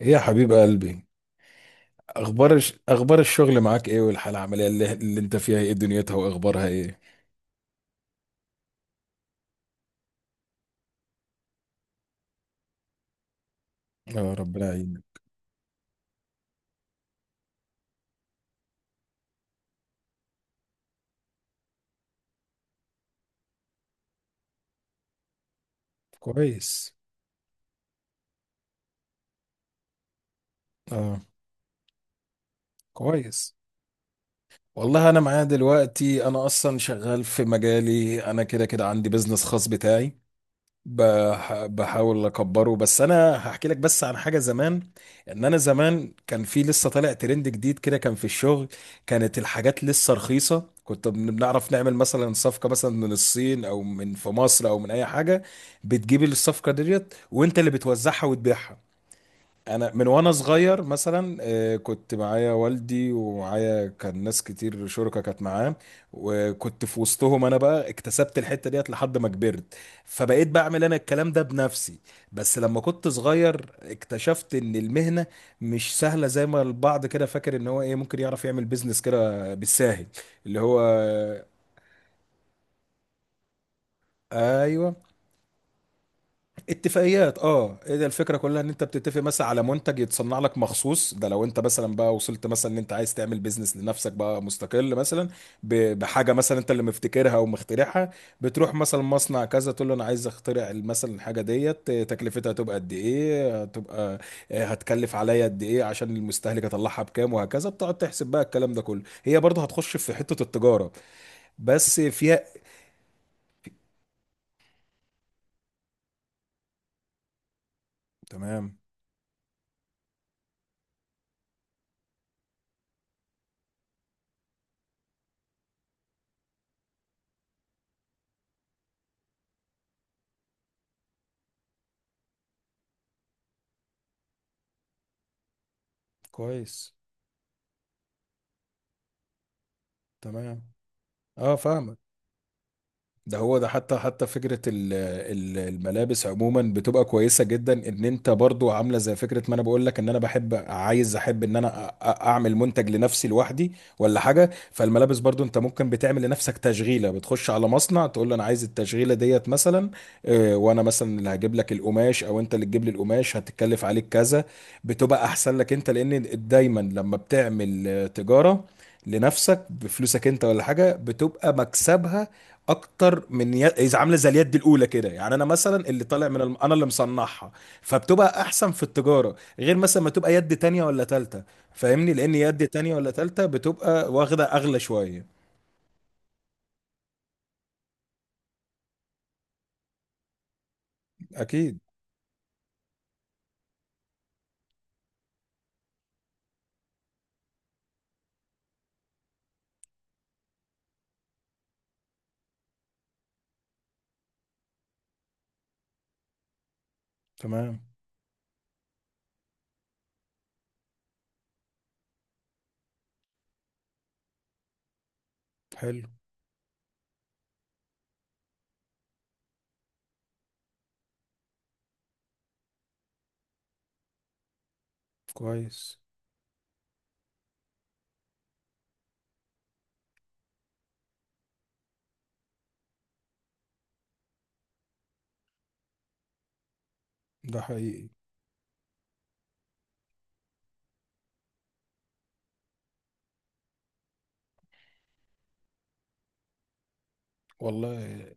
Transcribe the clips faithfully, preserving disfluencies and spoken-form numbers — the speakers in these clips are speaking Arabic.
ايه يا حبيب قلبي. اخبار الش- اخبار الشغل معاك ايه؟ والحاله العمليه اللي, اللي انت فيها ايه؟ دنيتها واخبارها ايه؟ اه، ربنا يعينك. كويس. اه، كويس. والله انا معايا دلوقتي، انا اصلا شغال في مجالي. انا كده كده عندي بزنس خاص بتاعي. بح بحاول اكبره. بس انا هحكي لك بس عن حاجه زمان، ان انا زمان كان في لسه طالع ترند جديد كده كان في الشغل. كانت الحاجات لسه رخيصه، كنت بن- بنعرف نعمل مثلا صفقه مثلا من الصين او من في مصر او من اي حاجه. بتجيب الصفقه ديت وانت اللي بتوزعها وتبيعها. انا من وانا صغير مثلا آه، كنت معايا والدي، ومعايا كان ناس كتير شركة كانت معاه. وكنت في وسطهم انا، بقى اكتسبت الحتة ديت لحد ما كبرت. فبقيت بعمل انا الكلام ده بنفسي. بس لما كنت صغير اكتشفت ان المهنة مش سهلة زي ما البعض كده فاكر ان هو ايه ممكن يعرف يعمل بيزنس كده بالساهل، اللي هو آه، ايوه. اتفاقيات، اه. ايه ده، الفكره كلها ان انت بتتفق مثلا على منتج يتصنع لك مخصوص. ده لو انت مثلا بقى وصلت مثلا ان انت عايز تعمل بيزنس لنفسك بقى مستقل مثلا، ب- بحاجه مثلا انت اللي مفتكرها ومخترعها. بتروح مثلا مصنع كذا تقول له انا عايز اخترع مثلا الحاجه ديت. آه، تكلفتها هتبقى قد ايه؟ هتبقى، آه، هتكلف عليا قد ايه عشان المستهلك اطلعها بكام، وهكذا. بتقعد تحسب بقى الكلام ده كله، هي برضه هتخش في حته التجاره، بس فيها. تمام. كويس. تمام. اه، فاهمك. ده هو ده، حتى حتى فكرة ال- ال- الملابس عموما بتبقى كويسة جدا. ان انت برضو عاملة زي فكرة ما انا بقول لك، ان انا بحب عايز احب ان انا أ- أ- اعمل منتج لنفسي لوحدي ولا حاجة. فالملابس برضو انت ممكن بتعمل لنفسك تشغيلة، بتخش على مصنع تقول له انا عايز التشغيلة ديت مثلا. آه، وانا مثلا اللي هجيب لك القماش او انت اللي تجيب لي القماش، هتتكلف عليك كذا. بتبقى احسن لك انت، لان دايما لما بتعمل آه، تجارة لنفسك بفلوسك انت ولا حاجة، بتبقى مكسبها اكتر من ي- اذا عامله زي اليد الاولى كده. يعني انا مثلا اللي طالع من الم... انا اللي مصنعها. فبتبقى احسن في التجاره، غير مثلا ما تبقى يد تانية ولا تالتة. فاهمني، لان يد تانية ولا تالتة بتبقى واخده اغلى شويه. اكيد. تمام. حلو. كويس. ده حقيقي. والله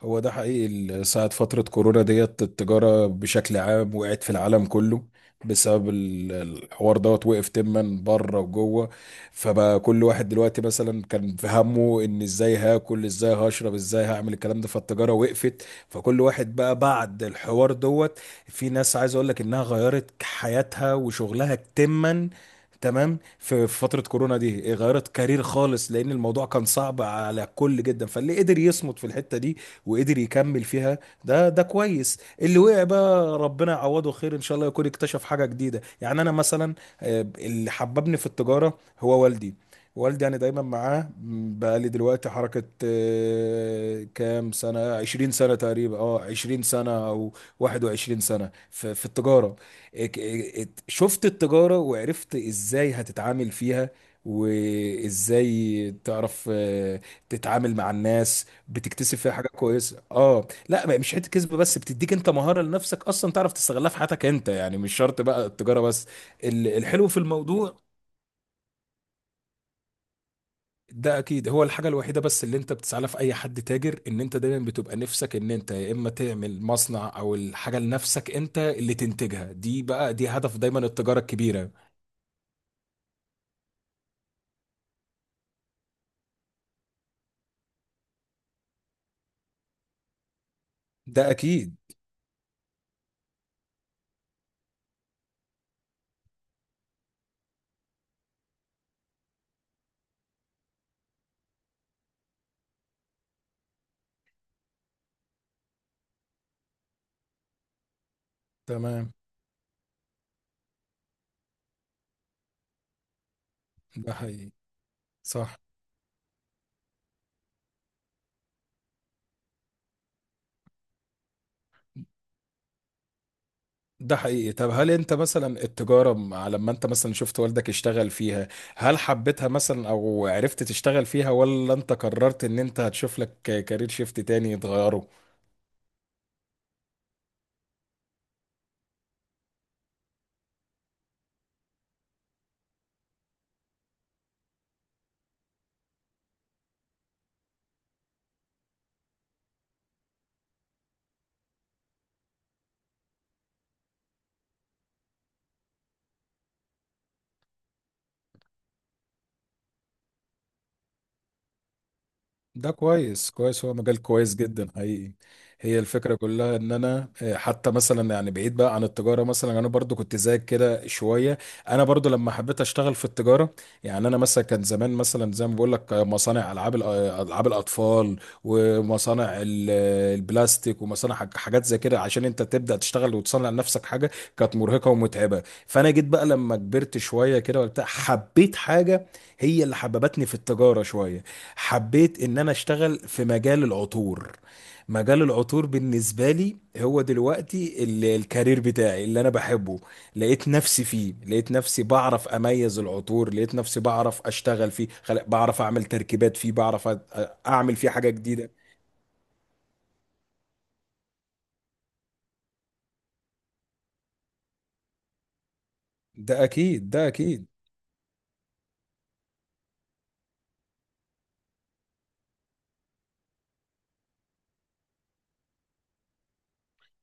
هو ده حقيقي، ال- ساعة فترة كورونا ديت التجارة بشكل عام وقعت في العالم كله، بسبب ال- الحوار دوت. وقف تما بره وجوه. فبقى كل واحد دلوقتي مثلا كان في همه ان ازاي هاكل، ازاي هشرب، ازاي هعمل الكلام ده. فالتجارة وقفت. فكل واحد بقى بعد الحوار دوت، في ناس عايز اقول لك انها غيرت حياتها وشغلها تما تمام في في فترة كورونا دي، غيرت كارير خالص، لأن الموضوع كان صعب على الكل جدا. فاللي قدر يصمد في الحتة دي وقدر يكمل فيها، ده ده كويس اللي وقع. بقى ربنا يعوضه خير، ان شاء الله يكون اكتشف حاجة جديدة. يعني انا مثلا آه، اللي حببني في التجارة هو والدي. والدي يعني دايما معاه، بقى لي دلوقتي حركة، آه، كام سنة؟ عشرين سنة تقريبا. اه، عشرين سنة او واحد وعشرين سنة في, في التجارة. اك- ات- شفت التجارة وعرفت ازاي هتتعامل فيها، وازاي تعرف آه، تتعامل مع الناس. بتكتسب فيها حاجه كويسه. اه لا، ما- مش حته كسب بس، بتديك انت مهاره لنفسك اصلا تعرف تستغلها في حياتك انت، يعني مش شرط بقى التجاره بس. ال- الحلو في الموضوع، ده اكيد هو الحاجه الوحيده بس اللي انت بتسعى لها في اي حد تاجر، ان انت دايما بتبقى نفسك ان انت يا اما تعمل مصنع او الحاجه لنفسك انت اللي تنتجها. دي بقى دي هدف دايما التجاره الكبيره. ده اكيد. تمام. ده حقيقي. صح. ده حقيقي. طب هل انت مثلا التجارة م- على لما انت مثلا شفت والدك يشتغل فيها، هل حبيتها مثلا او عرفت تشتغل فيها، ولا انت قررت ان انت هتشوف لك كارير شيفت تاني تغيره؟ ده كويس. كويس، هو مجال كويس جدا حقيقي. هي الفكرة كلها ان انا آه، حتى مثلا يعني بعيد بقى عن التجارة مثلا، انا برضو كنت زيك كده شوية. انا برضو لما حبيت اشتغل في التجارة، يعني انا مثلا كان زمان مثلا زي ما بقول لك، آه، مصانع العاب الأ- العاب الاطفال، ومصانع ال- آه، البلاستيك، ومصانع حاج- حاجات زي كده. عشان انت تبدأ تشتغل وتصنع لنفسك حاجة، كانت مرهقة ومتعبة. فانا جيت بقى لما كبرت شوية كده وبتاع، حبيت حاجة هي اللي حببتني في التجارة شوية. حبيت ان انا اشتغل في مجال العطور. مجال العطور بالنسبة لي هو دلوقتي ال- الكارير بتاعي اللي انا بحبه. لقيت نفسي فيه، لقيت نفسي بعرف اميز العطور، لقيت نفسي بعرف اشتغل فيه، خل- بعرف اعمل تركيبات فيه، بعرف أ- اعمل فيه حاجة جديدة. ده اكيد، ده اكيد.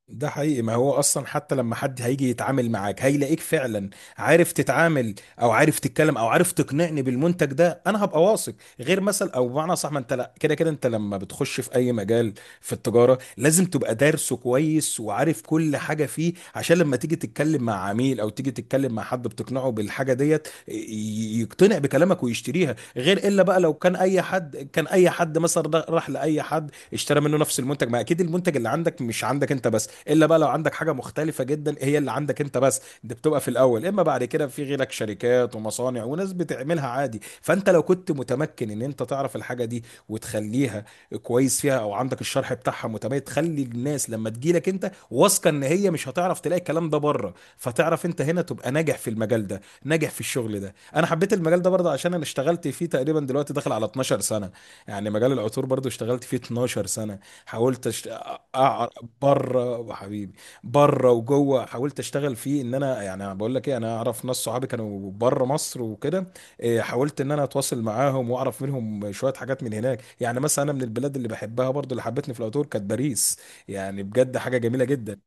ده حقيقي، ما هو اصلا حتى لما حد هيجي يتعامل معاك هيلاقيك فعلا عارف تتعامل، او عارف تتكلم، او عارف تقنعني بالمنتج ده. انا هبقى واثق. غير مثلا او بمعنى صح، ما انت لا كده كده انت لما بتخش في اي مجال في التجاره لازم تبقى دارسه كويس وعارف كل حاجه فيه، عشان لما تيجي تتكلم مع عميل او تيجي تتكلم مع حد بتقنعه بالحاجه ديت ي- يقتنع بكلامك ويشتريها. غير الا بقى لو كان اي حد، كان اي حد مثلا راح لاي حد اشترى منه نفس المنتج، ما اكيد المنتج اللي عندك مش عندك انت بس. الا بقى لو عندك حاجه مختلفه جدا هي اللي عندك انت بس، دي بتبقى في الاول، اما بعد كده في غيرك شركات ومصانع وناس بتعملها عادي. فانت لو كنت متمكن ان انت تعرف الحاجه دي وتخليها كويس فيها، او عندك الشرح بتاعها متميز، تخلي الناس لما تجيلك انت واثقه ان هي مش هتعرف تلاقي الكلام ده بره، فتعرف انت هنا تبقى ناجح في المجال ده، ناجح في الشغل ده. انا حبيت المجال ده برضه عشان انا اشتغلت فيه تقريبا دلوقتي داخل على اتناشر سنه. يعني مجال العطور برضه اشتغلت فيه اتناشر سنه. حاولت أشت... أع... بره حبيبي، بره وجوه، حاولت اشتغل فيه. ان انا يعني بقول لك ايه، انا اعرف ناس صحابي كانوا بره مصر وكده. إيه، حاولت ان انا اتواصل معاهم واعرف منهم شويه حاجات من هناك. يعني مثلا انا من البلاد اللي بحبها برضو اللي حبتني في العطور كانت باريس. يعني بجد حاجه جميله جدا.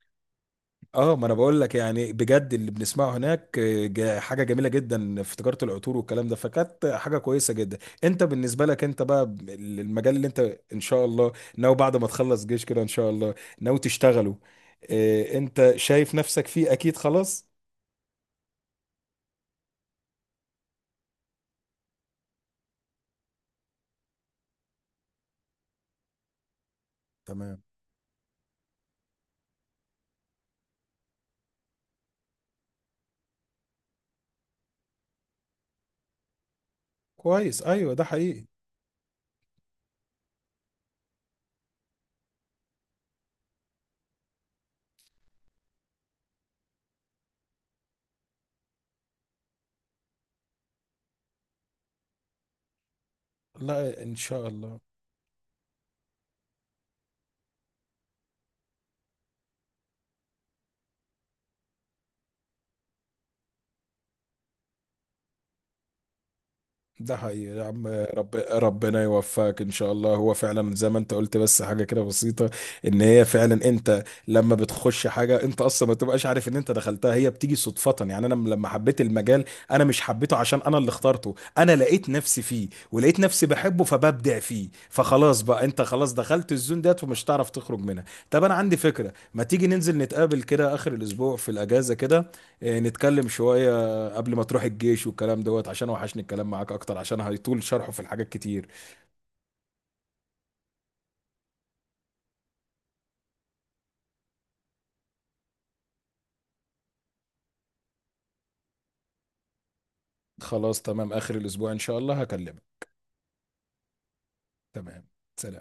اه، ما انا بقول لك يعني بجد اللي بنسمعه هناك آه، جا- حاجه جميله جدا في تجاره العطور والكلام ده. فكانت حاجه كويسه جدا. انت بالنسبه لك انت بقى، ب- المجال اللي انت ان شاء الله ناوي بعد ما تخلص جيش كده ان شاء الله ناوي تشتغله، آه، انت شايف نفسك فيه اكيد خلاص. تمام. كويس. ايوه، ده حقيقي. لا، ان شاء الله. ده حقيقي يا عم. رب ربنا يوفقك ان شاء الله. هو فعلا زي ما انت قلت، بس حاجه كده بسيطه، ان هي فعلا انت لما بتخش حاجه انت اصلا ما تبقاش عارف ان انت دخلتها، هي بتيجي صدفه. يعني انا لما حبيت المجال، انا مش حبيته عشان انا اللي اخترته، انا لقيت نفسي فيه ولقيت نفسي بحبه، فببدع فيه. فخلاص بقى انت خلاص دخلت الزون ديت ومش هتعرف تخرج منها. طب انا عندي فكره، ما تيجي ننزل نتقابل كده اخر الاسبوع في الاجازه كده، آه، نتكلم شويه قبل ما تروح الجيش والكلام دوت، عشان وحشني الكلام معاك اكتر عشان هيطول شرحه في الحاجات كتير. خلاص تمام، اخر الاسبوع ان شاء الله هكلمك. تمام. سلام.